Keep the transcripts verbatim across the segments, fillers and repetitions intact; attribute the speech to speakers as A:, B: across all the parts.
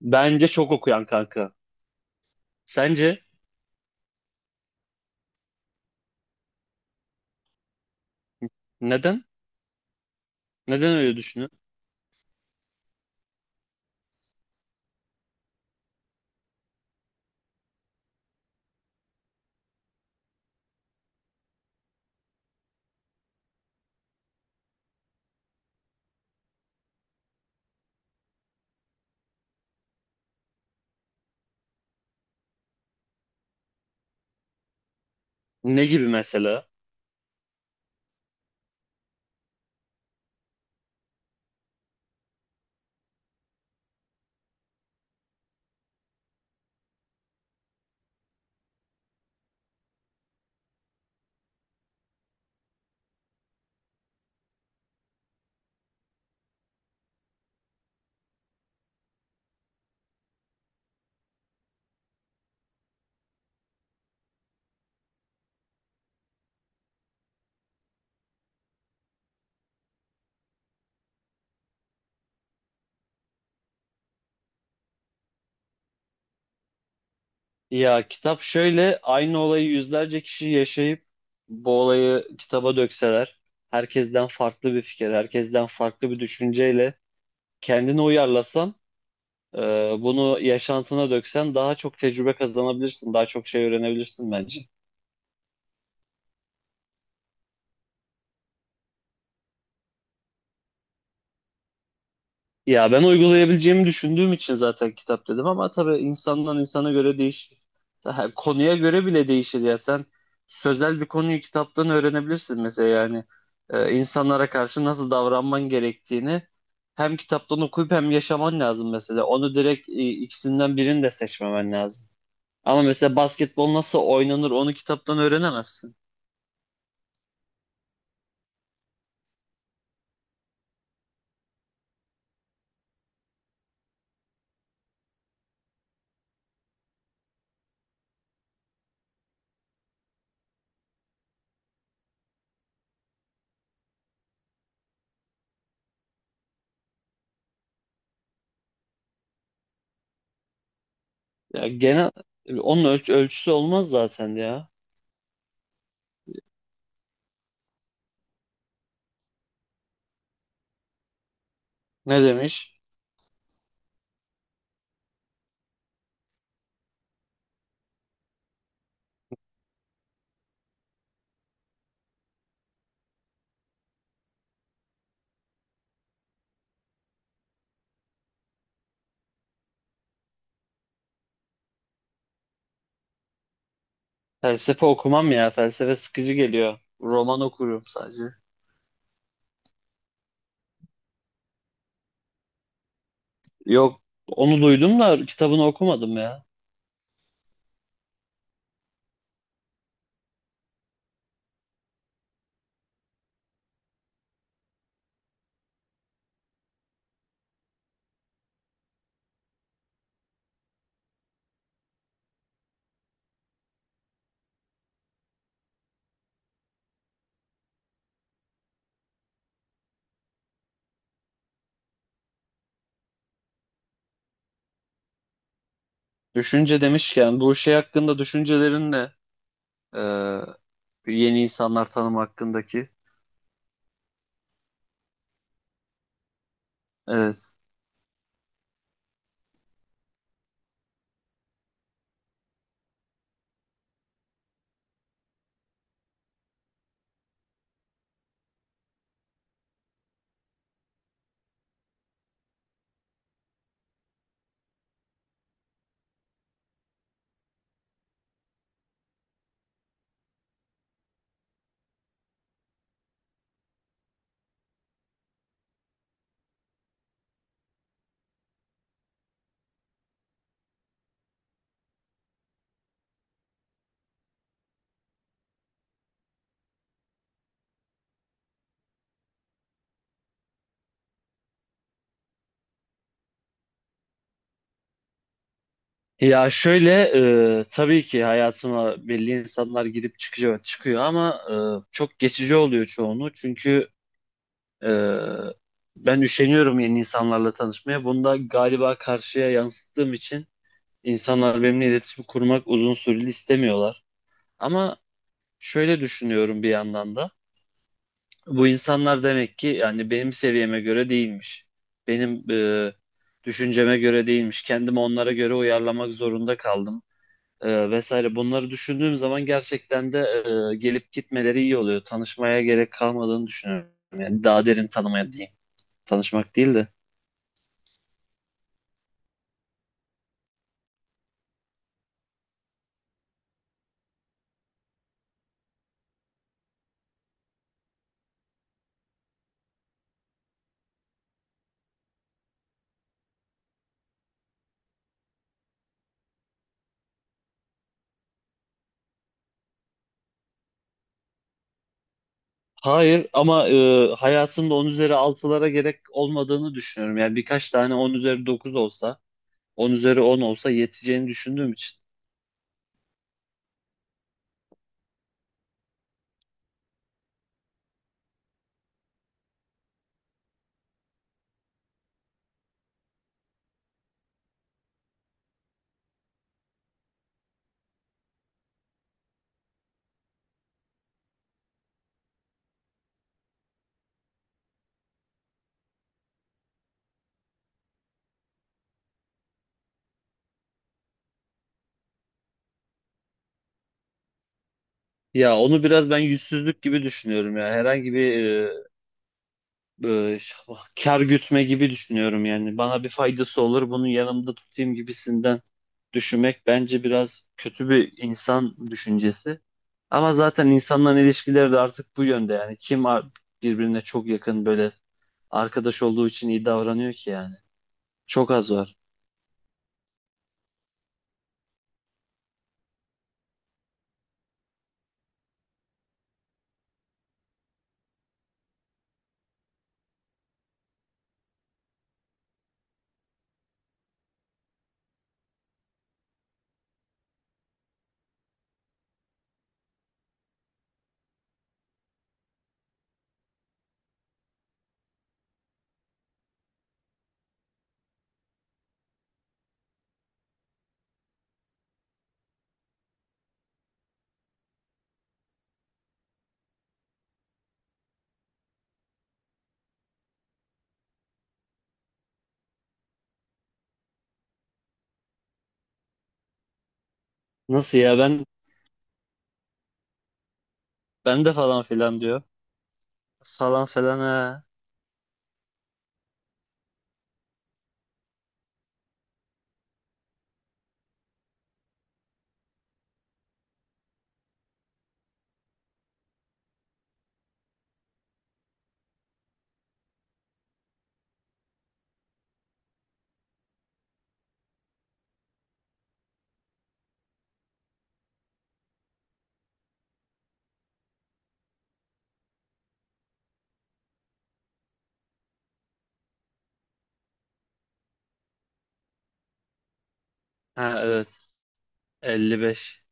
A: Bence çok okuyan kanka. Sence neden? Neden öyle düşünüyorsun? Ne gibi mesela? Ya kitap şöyle, aynı olayı yüzlerce kişi yaşayıp bu olayı kitaba dökseler, herkesten farklı bir fikir, herkesten farklı bir düşünceyle kendini uyarlasan, e, bunu yaşantına döksen daha çok tecrübe kazanabilirsin, daha çok şey öğrenebilirsin bence. Ya ben uygulayabileceğimi düşündüğüm için zaten kitap dedim, ama tabii insandan insana göre değişir. Daha konuya göre bile değişir ya. Sen sözel bir konuyu kitaptan öğrenebilirsin mesela. Yani Ee, insanlara karşı nasıl davranman gerektiğini hem kitaptan okuyup hem yaşaman lazım mesela. Onu direkt, e, ikisinden birini de seçmemen lazım. Ama mesela basketbol nasıl oynanır, onu kitaptan öğrenemezsin. Ya genel onun ölç- ölçüsü olmaz zaten ya. Ne demiş? Felsefe okumam ya. Felsefe sıkıcı geliyor. Roman okuyorum sadece. Yok, onu duydum da kitabını okumadım ya. Düşünce demişken bu şey hakkında düşüncelerin ne? Ee, yeni insanlar tanım hakkındaki. Evet. Ya şöyle, e, tabii ki hayatıma belli insanlar gidip çıkıyor çıkıyor ama e, çok geçici oluyor çoğunu. Çünkü e, ben üşeniyorum yeni insanlarla tanışmaya. Bunu da galiba karşıya yansıttığım için İnsanlar benimle iletişim kurmak uzun süreli istemiyorlar. Ama şöyle düşünüyorum bir yandan da. Bu insanlar demek ki yani benim seviyeme göre değilmiş. Benim e, düşünceme göre değilmiş. Kendimi onlara göre uyarlamak zorunda kaldım, e, vesaire. Bunları düşündüğüm zaman gerçekten de e, gelip gitmeleri iyi oluyor. Tanışmaya gerek kalmadığını düşünüyorum. Yani daha derin tanımaya diyeyim. Tanışmak değil de. Hayır ama e, hayatımda on üzeri altılara gerek olmadığını düşünüyorum. Yani birkaç tane on üzeri dokuz olsa, on üzeri on olsa yeteceğini düşündüğüm için. Ya onu biraz ben yüzsüzlük gibi düşünüyorum ya. Herhangi bir e, e, ş- kar gütme gibi düşünüyorum yani. Bana bir faydası olur, bunu yanımda tutayım gibisinden düşünmek bence biraz kötü bir insan düşüncesi. Ama zaten insanların ilişkileri de artık bu yönde yani. Kim ar- birbirine çok yakın, böyle arkadaş olduğu için iyi davranıyor ki yani. Çok az var. Nasıl ya, ben ben de falan filan diyor. Falan filan ha. Ha evet, elli beş.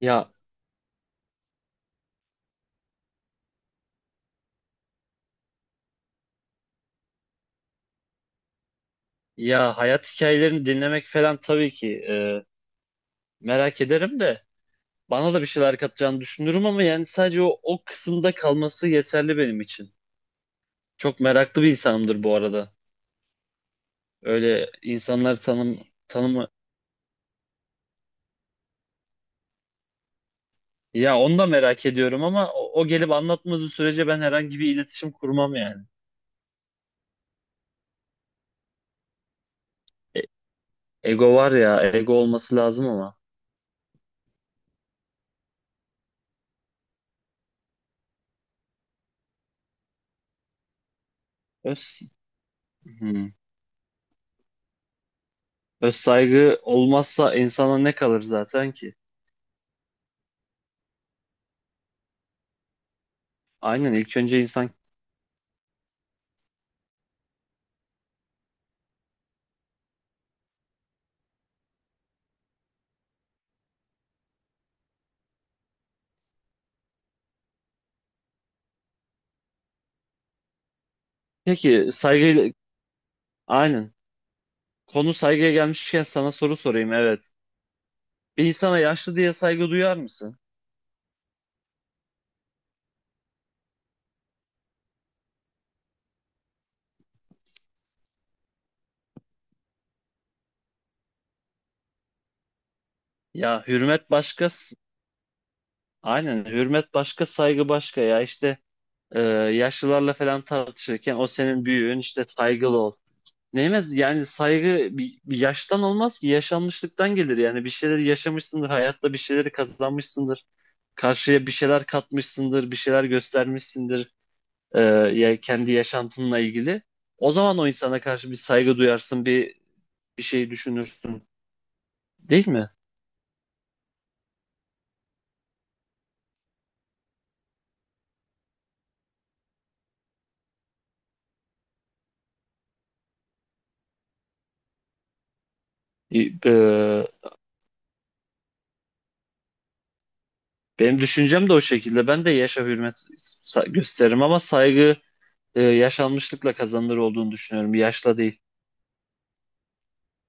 A: Ya, ya hayat hikayelerini dinlemek falan, tabii ki e, merak ederim de, bana da bir şeyler katacağını düşünürüm, ama yani sadece o, o kısımda kalması yeterli benim için. Çok meraklı bir insanımdır bu arada. Öyle insanlar tanım tanımı, ya onu da merak ediyorum ama o, o gelip anlatmadığı sürece ben herhangi bir iletişim kurmam yani. Ego var ya, ego olması lazım ama. Öz, hmm. Öz saygı olmazsa insana ne kalır zaten ki? Aynen, ilk önce insan... Peki saygıyla... Aynen. Konu saygıya gelmişken sana soru sorayım, evet. Bir insana yaşlı diye saygı duyar mısın? Ya hürmet başka... s- Aynen, hürmet başka saygı başka, ya işte e, yaşlılarla falan tartışırken o senin büyüğün, işte saygılı ol. Neyemez yani, saygı bir, bir yaştan olmaz ki, yaşanmışlıktan gelir. Yani bir şeyleri yaşamışsındır hayatta, bir şeyleri kazanmışsındır, karşıya bir şeyler katmışsındır, bir şeyler göstermişsindir, e, ya kendi yaşantınla ilgili. O zaman o insana karşı bir saygı duyarsın, bir bir şey düşünürsün, değil mi? E, e, benim düşüncem de o şekilde. Ben de yaşa hürmet sa- gösteririm, ama saygı e, yaşanmışlıkla kazanılır olduğunu düşünüyorum, yaşla değil.